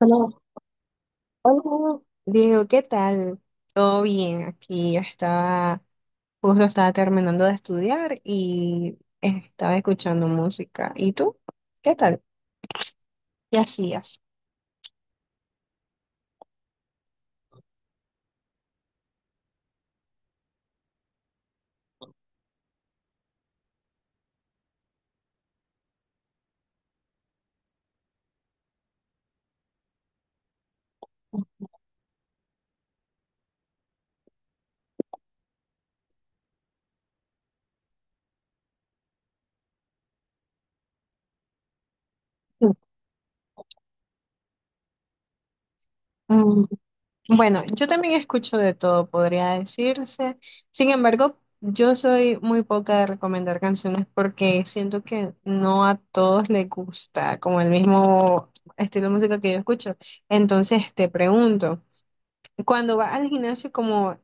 Hola, hola, Diego, ¿qué tal? Todo bien, aquí justo estaba terminando de estudiar y estaba escuchando música. ¿Y tú? ¿Qué tal? ¿Qué hacías? Mm, Mm, Bueno, yo también escucho de todo, podría decirse. Sin embargo, yo soy muy poca de recomendar canciones porque siento que no a todos les gusta como el mismo estilo de música que yo escucho. Entonces te pregunto. Cuando vas al gimnasio, como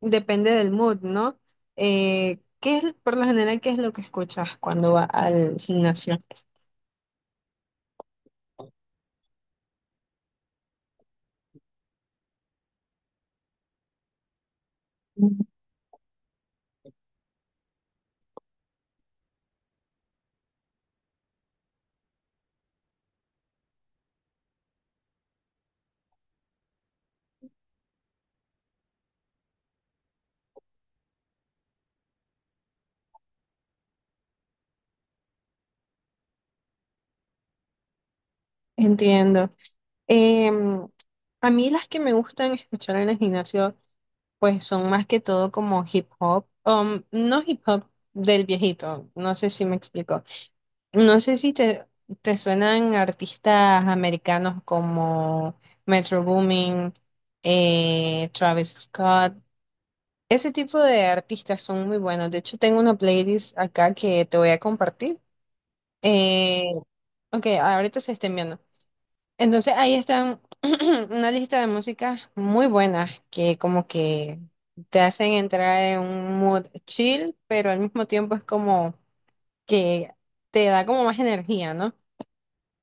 depende del mood, ¿no? ¿Qué es, por lo general, qué es lo que escuchas cuando vas al gimnasio? Ujú. Entiendo. Em, a mí las que me gustan escuchar en el gimnasio, pues son más que todo como hip hop, no hip hop del viejito, no sé si me explico. No sé si te suenan artistas americanos como Metro Boomin, Travis Scott. Ese tipo de artistas son muy buenos. De hecho, tengo una playlist acá que te voy a compartir. Eh, ok, ahorita se está enviando. Entonces, ahí están una lista de músicas muy buenas que como que te hacen entrar en un mood chill, pero al mismo tiempo es como que te da como más energía, ¿no?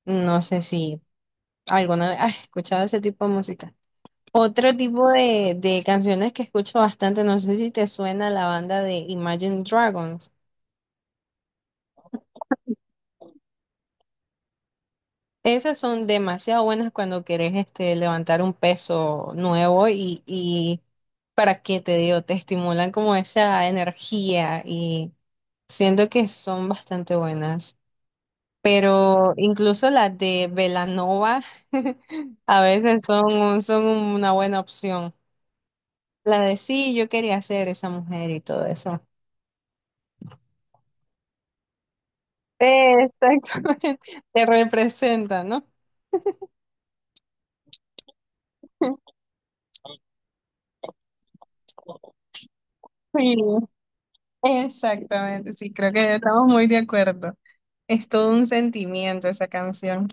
No sé si alguna vez has escuchado ese tipo de música. Otro tipo de canciones que escucho bastante, no sé si te suena la banda de Imagine Dragons. Esas son demasiado buenas cuando querés este, levantar un peso nuevo y para qué te digo, te estimulan como esa energía y siento que son bastante buenas. Pero incluso las de Belanova a veces son una buena opción. La de sí, yo quería ser esa mujer y todo eso. Exactamente, te representa, ¿no? Sí, exactamente, sí, creo que estamos muy de acuerdo. Es todo un sentimiento esa canción.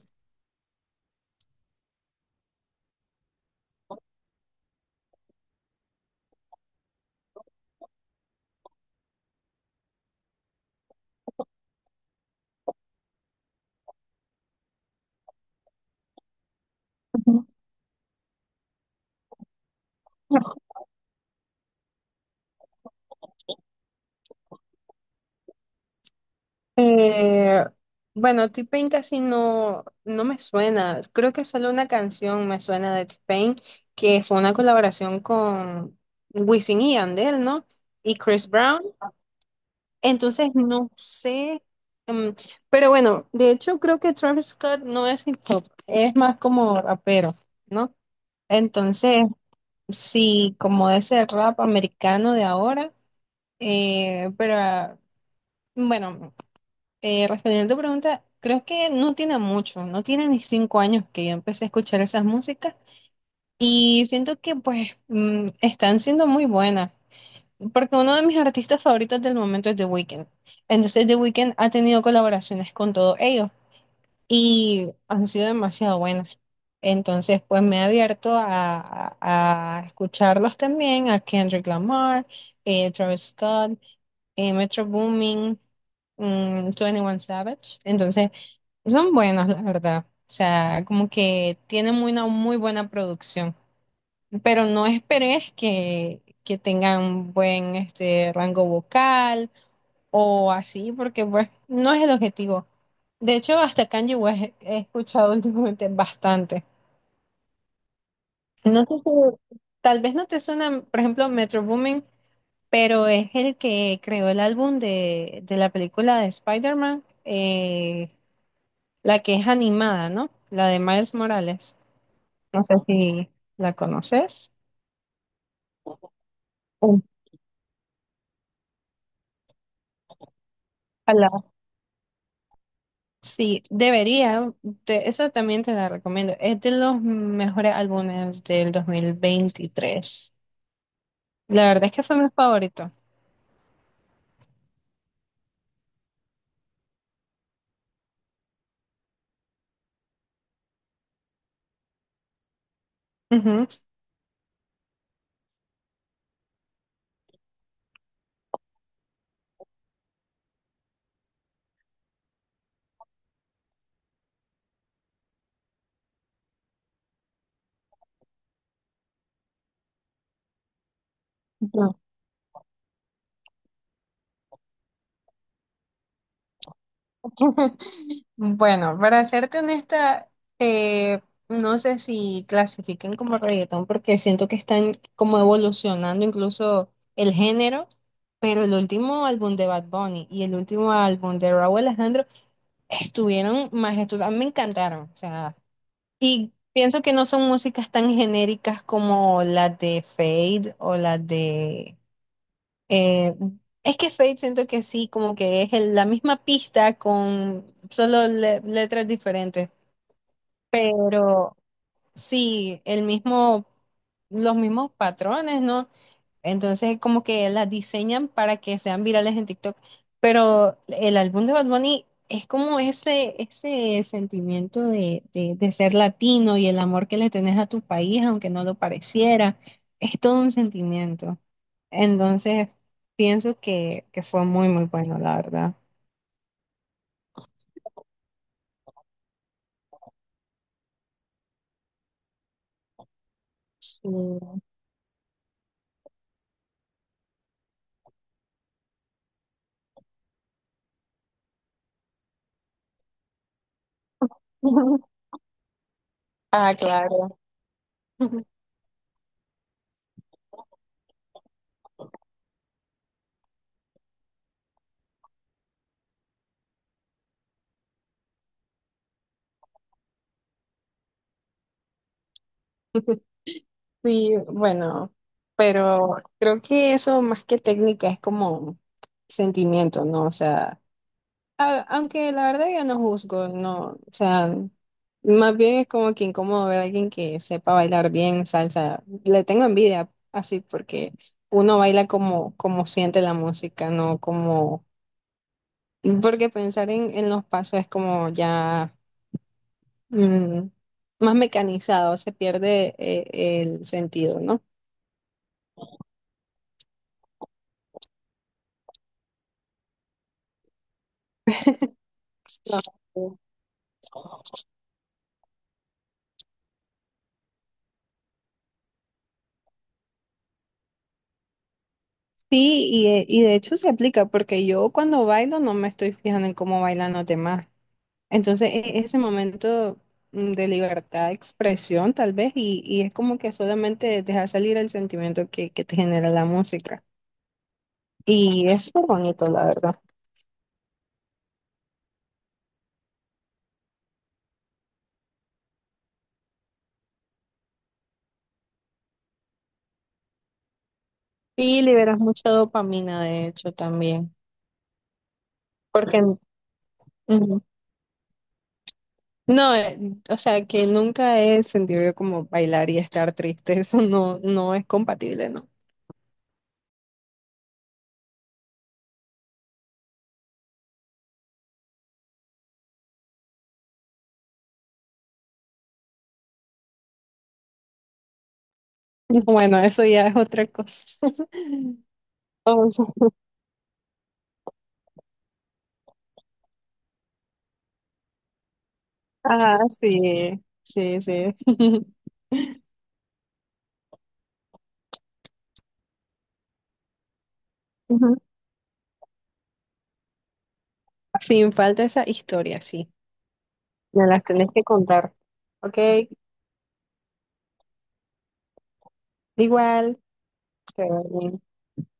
Eh, bueno, T-Pain casi no me suena. Creo que solo una canción me suena de T-Pain, que fue una colaboración con Wisin y Yandel, ¿no? Y Chris Brown. Entonces, no sé. mm, pero bueno, de hecho, creo que Travis Scott no es hip hop, es más como rapero, ¿no? Entonces, sí, como ese rap americano de ahora, pero. Bueno, respondiendo a tu pregunta, creo que no tiene mucho, no tiene ni cinco años que yo empecé a escuchar esas músicas y siento que pues están siendo muy buenas, porque uno de mis artistas favoritos del momento es The Weeknd. Entonces The Weeknd ha tenido colaboraciones con todos ellos y han sido demasiado buenas. Entonces pues me he abierto a, a escucharlos también, a Kendrick Lamar, Travis Scott, Metro Boomin. Twenty One Savage. Entonces, son buenos, la verdad. O sea, como que tienen muy- una muy buena producción, pero no esperes que tengan un buen este, rango vocal o así, porque pues no es el objetivo. De hecho, hasta Kanye West he escuchado últimamente bastante. No sé si- tal vez no te suena, por ejemplo, Metro Boomin, pero es el que creó el álbum de la película de Spider-Man, la que es animada, ¿no? La de Miles Morales. No sé si la conoces. Ojalá. Sí, debería. Te- esa también te la recomiendo. Es de los mejores álbumes del 2023. La verdad es que fue mi favorito. Ujú. Ya. Bueno, para serte honesta, eh, no sé si clasifiquen como reggaetón porque siento que están como evolucionando incluso el género, pero el último álbum de Bad Bunny y el último álbum de Rauw Alejandro estuvieron majestuosas, a mí me encantaron, o sea, y pienso que no son músicas tan genéricas como las de Fade o las de... eh, es que Fade siento que sí, como que es el- la misma pista con solo letras diferentes, pero sí, el mismo, los mismos patrones, ¿no? Entonces, como que las diseñan para que sean virales en TikTok. Pero el álbum de Bad Bunny es como ese sentimiento de, de ser latino y el amor que le tenés a tu país, aunque no lo pareciera. Es todo un sentimiento. Entonces, pienso que fue muy, muy bueno, la verdad. Sí. Ah, claro. Sí, bueno, pero creo que eso más que técnica es como sentimiento, ¿no? O sea. Aunque la verdad yo no juzgo, no, o sea, más bien es como que incómodo ver a alguien que sepa bailar bien salsa. Le tengo envidia así porque uno baila como, como siente la música, no como, porque pensar en los pasos es como ya mm, más mecanizado, se pierde el sentido, ¿no? Claro. Sí, y de hecho se aplica porque yo cuando bailo no me estoy fijando en cómo bailan los demás. Entonces ese momento de libertad de expresión tal vez y es como que solamente dejar salir el sentimiento que te genera la música. Y es muy bonito, la verdad. Y liberas mucha dopamina, de hecho, también. Porque ujú. No, o sea, que nunca he sentido yo como bailar y estar triste. Eso no es compatible, ¿no? Bueno, eso ya es otra cosa. O sea, ah, sí, sí, sí. Ujú. Sin falta esa historia, sí. Me las tenés que contar. Ok, igual. Te-